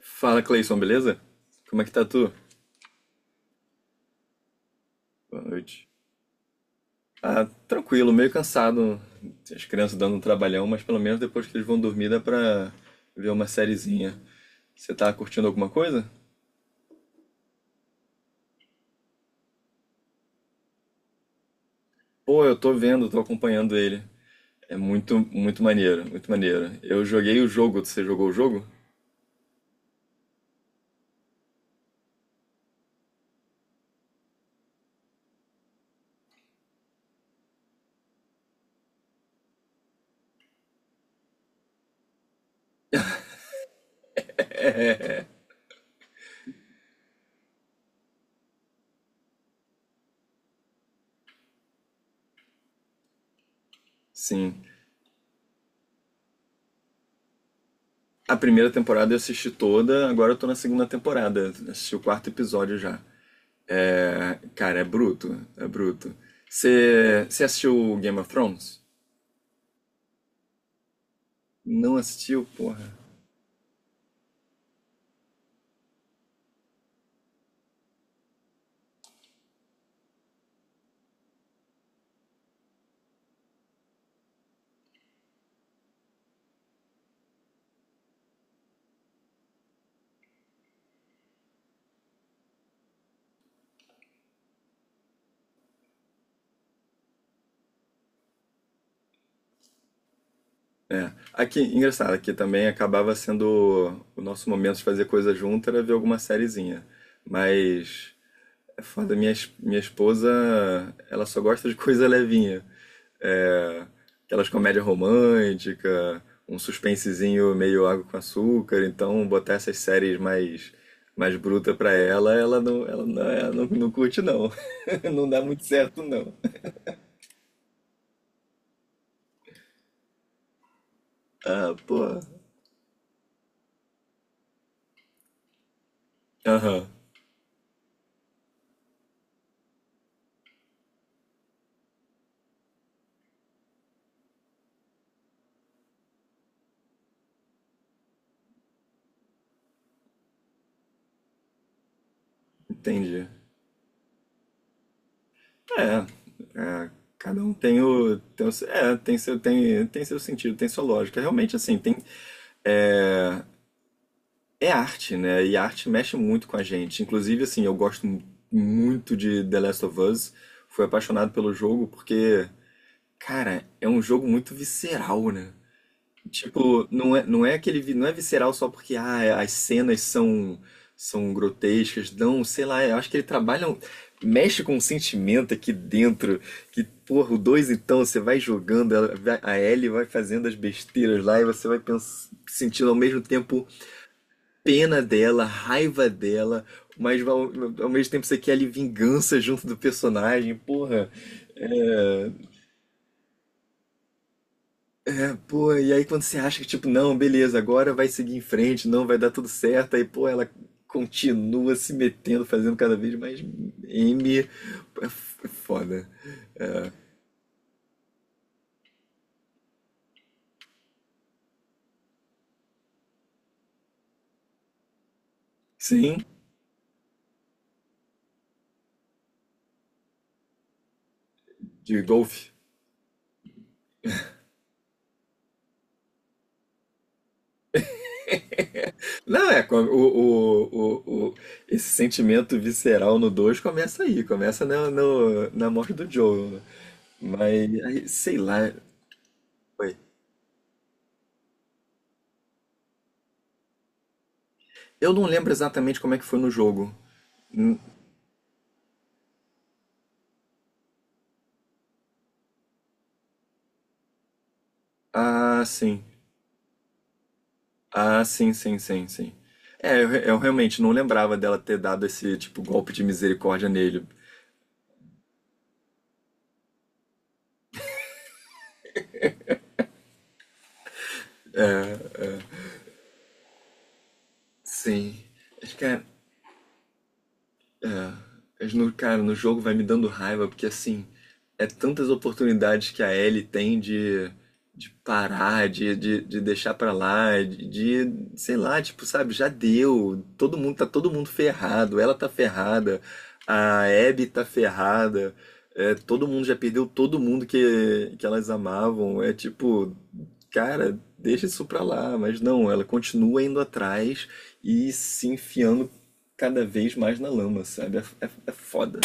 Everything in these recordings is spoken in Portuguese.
Fala, Cleison, beleza? Como é que tá tu? Boa noite. Ah, tranquilo, meio cansado. As crianças dando um trabalhão, mas pelo menos depois que eles vão dormir dá pra ver uma sériezinha. Você tá curtindo alguma coisa? Pô, eu tô vendo, tô acompanhando ele. É muito, muito maneiro, muito maneiro. Eu joguei o jogo, você jogou o jogo? Sim. A primeira temporada eu assisti toda, agora eu tô na segunda temporada. Assisti o quarto episódio já. É, cara, é bruto, é bruto. Você assistiu Game of Thrones? Não assistiu, porra. É. Aqui, engraçado, aqui também acabava sendo o nosso momento de fazer coisa junto era ver alguma sériezinha. Mas é foda, minha, minha esposa, ela só gosta de coisa levinha. É, aquelas comédia romântica, um suspensezinho meio água com açúcar, então botar essas séries mais bruta pra ela, ela não, ela não, ela não, não curte não. Não dá muito certo não. Ah, pô. Aham, entendi. É, é, cada um tem o, tem o- é, tem seu, tem, tem seu sentido, tem sua lógica. Realmente, assim, tem, é arte, né? E a arte mexe muito com a gente. Inclusive, assim, eu muito de The Last of Us. Fui apaixonado pelo jogo porque, cara, é um jogo muito visceral, né? Tipo, não é aquele, não é visceral só porque ah, as cenas são grotescas, não, sei lá, eu acho que ele mexe com um sentimento aqui dentro, que porra, o dois então, você vai jogando, a Ellie vai fazendo as besteiras lá e você sentindo ao mesmo tempo pena dela, raiva dela, mas ao mesmo tempo você quer ali vingança junto do personagem, porra. É, é, pô, e aí quando você acha que, tipo, não, beleza, agora vai seguir em frente, não, vai dar tudo certo, aí, pô, ela continua se metendo, fazendo cada vez mais M. É foda. É, sim, de golfe. Não, é, esse sentimento visceral no 2 começa aí, começa na, no- na morte do Joel, né? Mas, aí, sei lá, foi. Eu não lembro exatamente como é que foi no jogo. Hum. Ah, sim. Ah, sim, sim, sim, sim. É, eu realmente não lembrava dela ter dado esse tipo golpe de misericórdia nele. Sim. É, mas no, cara, no jogo vai me dando raiva, porque assim, é tantas oportunidades que a Ellie tem de parar, de deixar pra lá, sei lá, tipo, sabe, já deu. Todo mundo, tá todo mundo ferrado, ela tá ferrada, a Abby tá ferrada, é, todo mundo já perdeu todo mundo que elas amavam. É tipo, cara, deixa isso pra lá, mas não, ela continua indo atrás e se enfiando cada vez mais na lama, sabe? É, é, é foda.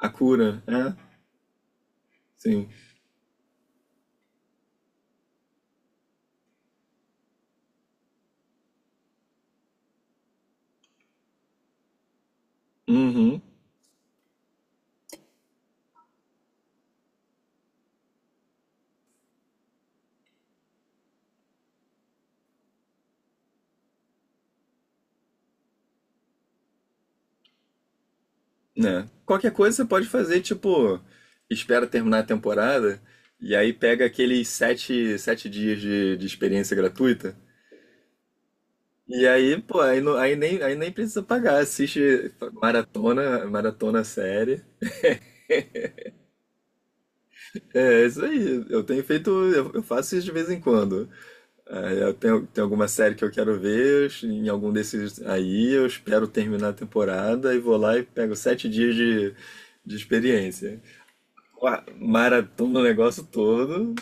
A cura, é? Sim. Uhum. Né? Qualquer coisa você pode fazer, tipo, espera terminar a temporada e aí pega aqueles sete dias de experiência gratuita. E aí, pô, aí nem precisa pagar. Assiste maratona, maratona série. É, é isso aí. Eu tenho feito, eu faço isso de vez em quando. Aí eu tenho, tem alguma série que eu quero ver, em algum desses aí eu espero terminar a temporada e vou lá e pego sete dias de experiência. Uá, maratona o negócio todo.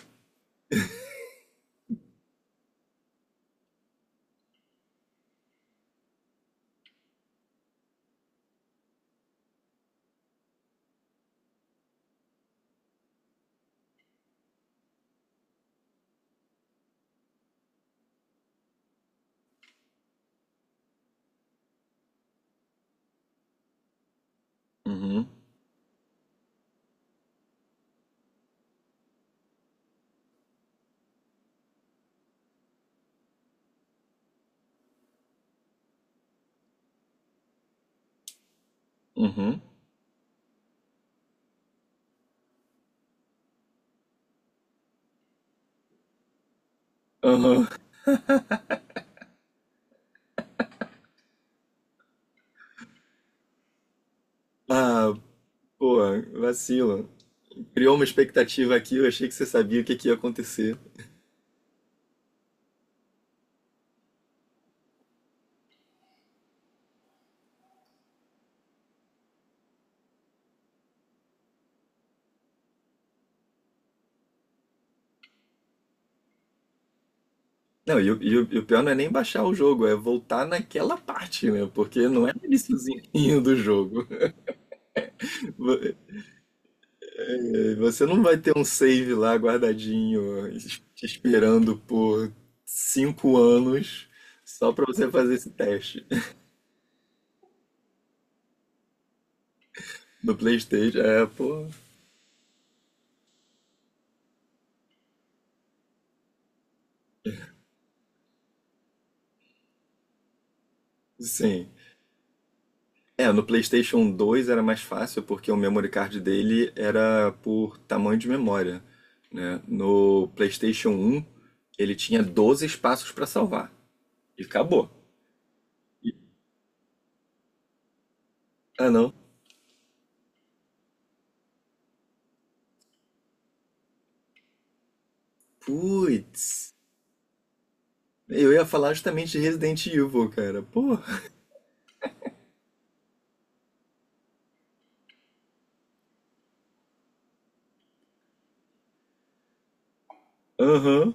Uhum, uhum, uhum. Ah, pô, vacilo. Criou uma expectativa aqui, eu achei que você sabia o que, que ia acontecer. Não, e o pior não é nem baixar o jogo, é voltar naquela parte, né? Porque não é no iniciozinho do jogo. É, você não vai ter um save lá guardadinho, te esperando por 5 anos só pra você fazer esse teste. No PlayStation, é, pô, sim. É, no PlayStation 2 era mais fácil porque o memory card dele era por tamanho de memória, né? No PlayStation 1 ele tinha 12 espaços pra salvar e acabou. Ah, não. Putz. Eu ia falar justamente de Resident Evil, cara. Pô. Aham.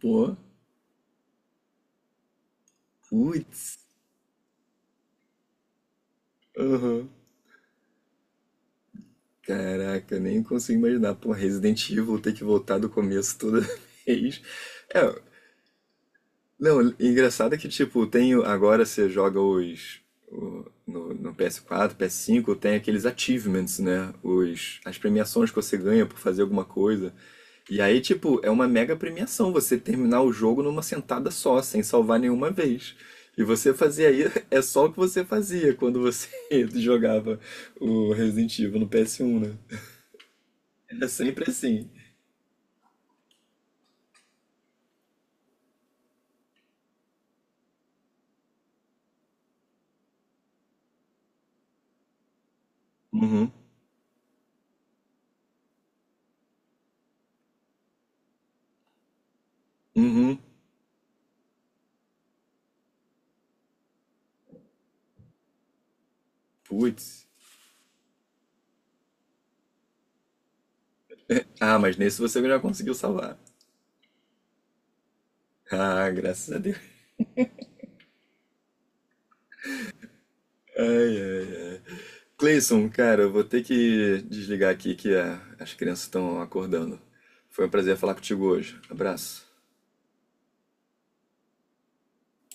Pô. Putz, aham. Caraca, nem consigo imaginar. Pô, Resident Evil ter que voltar do começo toda vez. É, não, engraçado é que, tipo, agora você joga os. O- no, no PS4, PS5, tem aqueles achievements, né? Os, as premiações que você ganha por fazer alguma coisa. E aí, tipo, é uma mega premiação você terminar o jogo numa sentada só, sem salvar nenhuma vez. E você fazia aí, é só o que você fazia quando você jogava o Resident Evil no PS1, né? Era sempre assim. Uhum, uhum, putz. Ah, mas nesse você já conseguiu salvar. Ah, graças a Deus. Ai, ai, ai. Cleison, cara, eu vou ter que desligar aqui que as crianças estão acordando. Foi um prazer falar contigo hoje. Abraço.